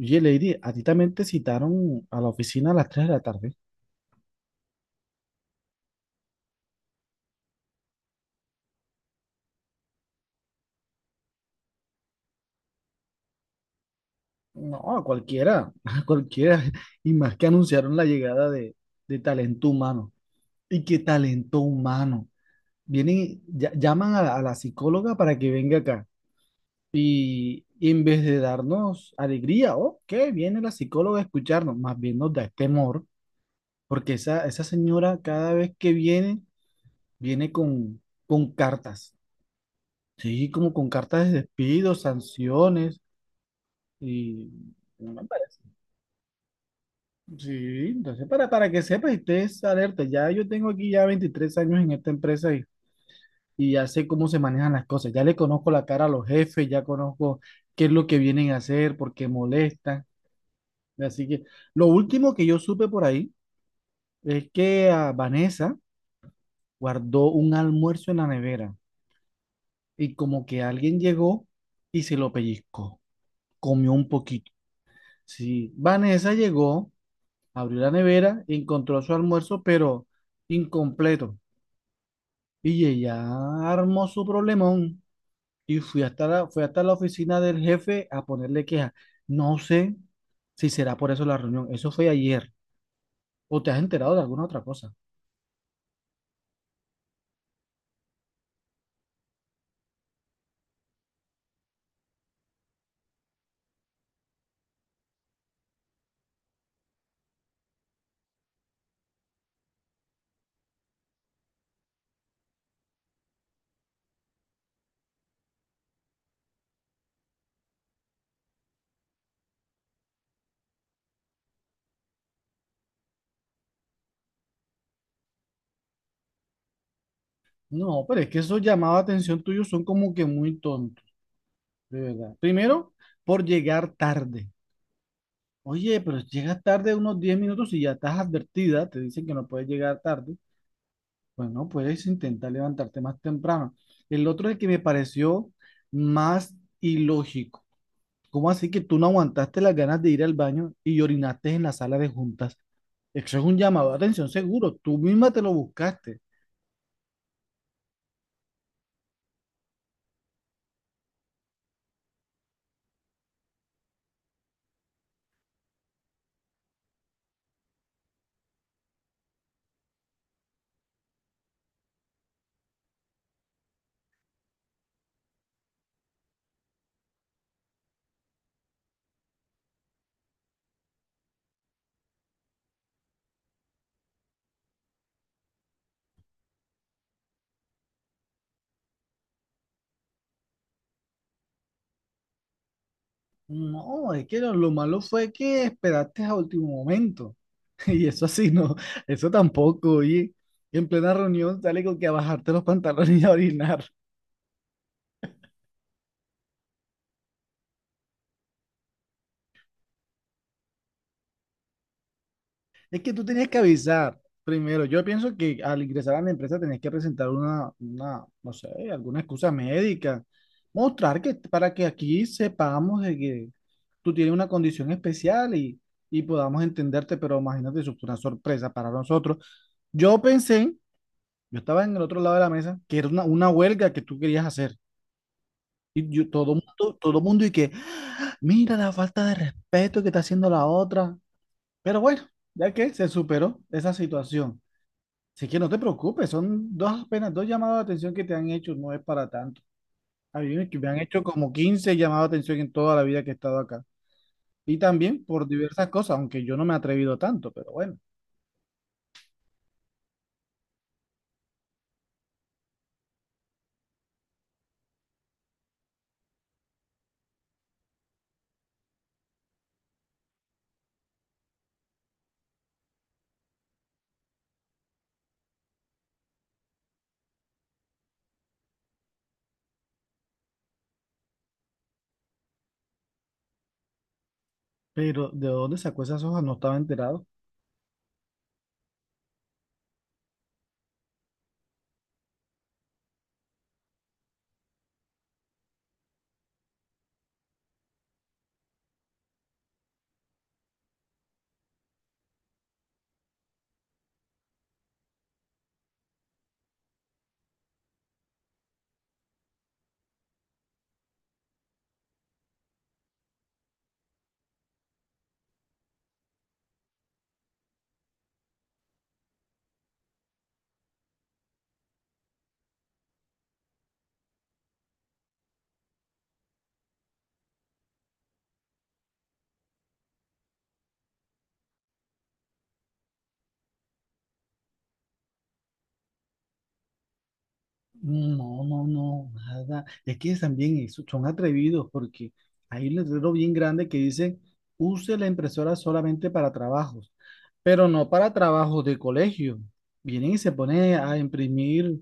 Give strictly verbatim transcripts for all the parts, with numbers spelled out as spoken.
Oye, Lady, ¿a ti también te citaron a la oficina a las tres de la tarde? No, a cualquiera, a cualquiera. Y más que anunciaron la llegada de, de talento humano. ¿Y qué talento humano? Vienen, y ll- llaman a, la a la psicóloga para que venga acá. Y, y en vez de darnos alegría, oh, ¿qué? Viene la psicóloga a escucharnos, más bien nos da este temor, porque esa, esa señora cada vez que viene, viene con, con cartas. Sí, como con cartas de despido, sanciones. Y no me parece. Sí, entonces para, para que sepa y estés alerta, ya yo tengo aquí ya veintitrés años en esta empresa y, y ya sé cómo se manejan las cosas, ya le conozco la cara a los jefes, ya conozco qué es lo que vienen a hacer, por qué molestan. Así que lo último que yo supe por ahí es que a Vanessa guardó un almuerzo en la nevera y como que alguien llegó y se lo pellizcó, comió un poquito. Sí, Vanessa llegó, abrió la nevera, encontró su almuerzo, pero incompleto. Y ella armó su problemón y fui hasta la, fue hasta la oficina del jefe a ponerle queja. No sé si será por eso la reunión. Eso fue ayer. ¿O te has enterado de alguna otra cosa? No, pero es que esos llamados de atención tuyos son como que muy tontos, de verdad. Primero, por llegar tarde. Oye, pero llegas tarde unos diez minutos y ya estás advertida, te dicen que no puedes llegar tarde. Bueno, puedes intentar levantarte más temprano. El otro es que me pareció más ilógico. ¿Cómo así que tú no aguantaste las ganas de ir al baño y orinaste en la sala de juntas? Eso es un llamado de atención seguro. Tú misma te lo buscaste. No, es que lo, lo malo fue que esperaste a último momento. Y eso así no, eso tampoco. Y en plena reunión sale con que a bajarte los pantalones y a orinar. Es que tú tenías que avisar primero. Yo pienso que al ingresar a la empresa tenías que presentar una, una, no sé, alguna excusa médica. Mostrar que para que aquí sepamos de que tú tienes una condición especial y, y podamos entenderte, pero imagínate, eso fue una sorpresa para nosotros. Yo pensé, yo estaba en el otro lado de la mesa, que era una, una huelga que tú querías hacer. Y yo, todo mundo, todo mundo y que, "Ah, mira la falta de respeto que está haciendo la otra". Pero bueno, ya que se superó esa situación. Así que no te preocupes, son dos, apenas dos llamados de atención que te han hecho, no es para tanto. A mí me, que me han hecho como quince llamados de atención en toda la vida que he estado acá. Y también por diversas cosas, aunque yo no me he atrevido tanto, pero bueno. Pero ¿de dónde sacó esas hojas? No estaba enterado. No, no, no, nada. Es que también eso- son atrevidos porque hay un letrero bien grande que dice, use la impresora solamente para trabajos, pero no para trabajos de colegio. Vienen y se ponen a imprimir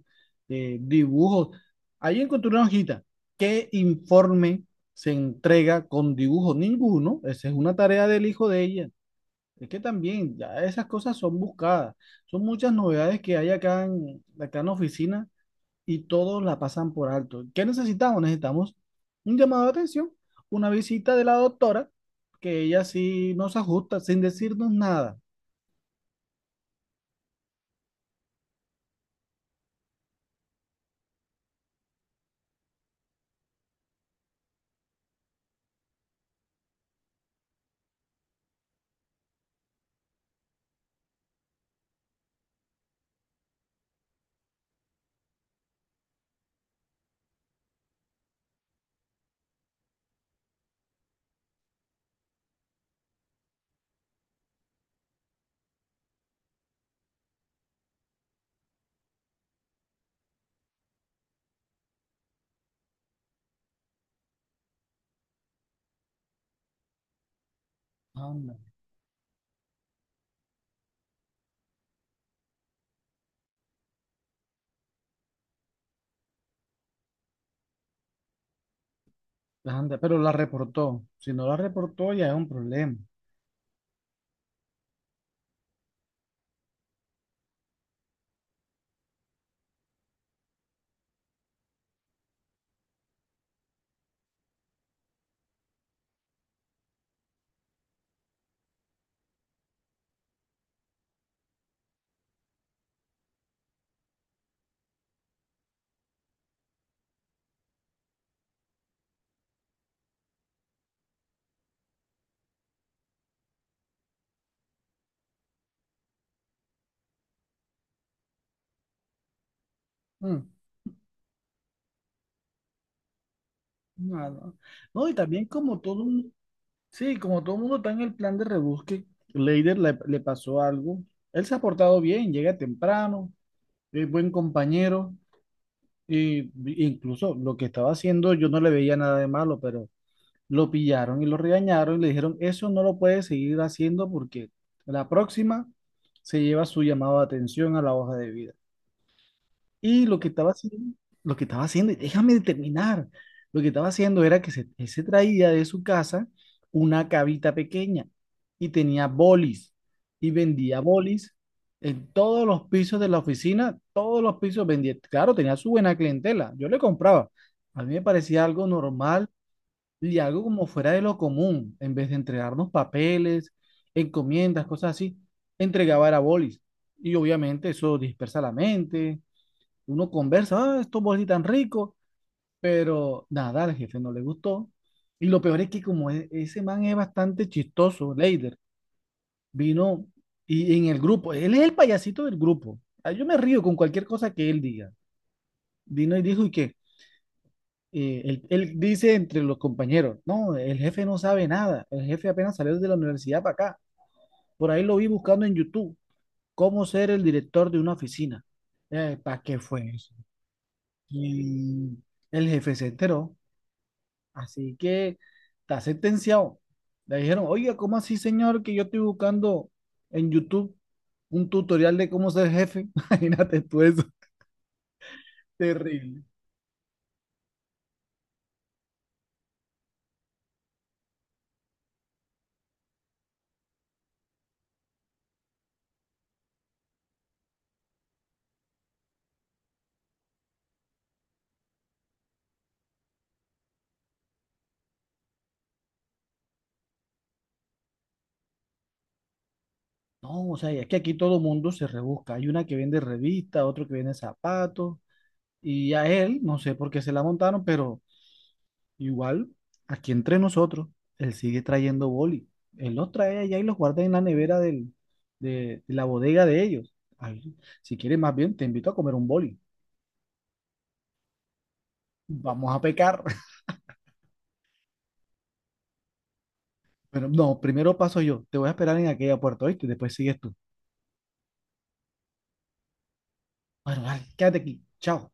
eh, dibujos. Ahí encontré una hojita. ¿Qué informe se entrega con dibujo? Ninguno. Esa es una tarea del hijo de ella. Es que también ya esas cosas son buscadas. Son muchas novedades que hay acá en, acá en la oficina y todos la pasan por alto. ¿Qué necesitamos? Necesitamos un llamado de atención, una visita de la doctora, que ella sí nos ajusta sin decirnos nada. Anda, anda, pero la reportó. Si no la reportó, ya es un problema. Mm, no, no. No, y también como todo un- sí, como todo el mundo está en el plan de rebusque, Leider le, le pasó algo. Él se ha portado bien, llega temprano, es buen compañero, y y incluso lo que estaba haciendo yo no le veía nada de malo, pero lo pillaron y lo regañaron y le dijeron, eso no lo puedes seguir haciendo porque la próxima se lleva su llamado de atención a la hoja de vida. Y lo que estaba haciendo, lo que estaba haciendo, y déjame terminar, lo que estaba haciendo era que se, él se traía de su casa una cabita pequeña y tenía bolis y vendía bolis. En todos los pisos de la oficina, todos los pisos vendía. Claro, tenía su buena clientela. Yo le compraba. A mí me parecía algo normal y algo como fuera de lo común, en vez de entregarnos papeles, encomiendas, cosas así, entregaba era bolis. Y obviamente eso dispersa la mente, uno conversa, ah, estos bolis tan ricos, pero nada, al jefe no le gustó. Y lo peor es que como e- ese man es bastante chistoso, Leider, vino y en el grupo, él es el payasito del grupo. Ah, yo me río con cualquier cosa que él diga. Vino y dijo, ¿y qué? eh, él, él dice entre los compañeros, no, el jefe no sabe nada, el jefe apenas salió de la universidad para acá. Por ahí lo vi buscando en YouTube, cómo ser el director de una oficina. ¿Para qué fue eso? Y el jefe se enteró, así que está sentenciado. Le dijeron, oiga, ¿cómo así, señor, que yo estoy buscando en YouTube un tutorial de cómo ser jefe? Imagínate tú eso, terrible. No, o sea, y es que aquí todo mundo se rebusca. Hay una que vende revistas, otro que vende zapatos, y a él, no sé por qué se la montaron, pero igual, aquí entre nosotros, él sigue trayendo boli. Él los trae allá y los guarda en la nevera del, de, de la bodega de ellos. Ay, si quieres, más bien, te invito a comer un boli. Vamos a pecar. Pero no, primero paso yo. Te voy a esperar en aquella puerta, ¿oíste? Después sigues tú. Bueno, dale, quédate aquí. Chao.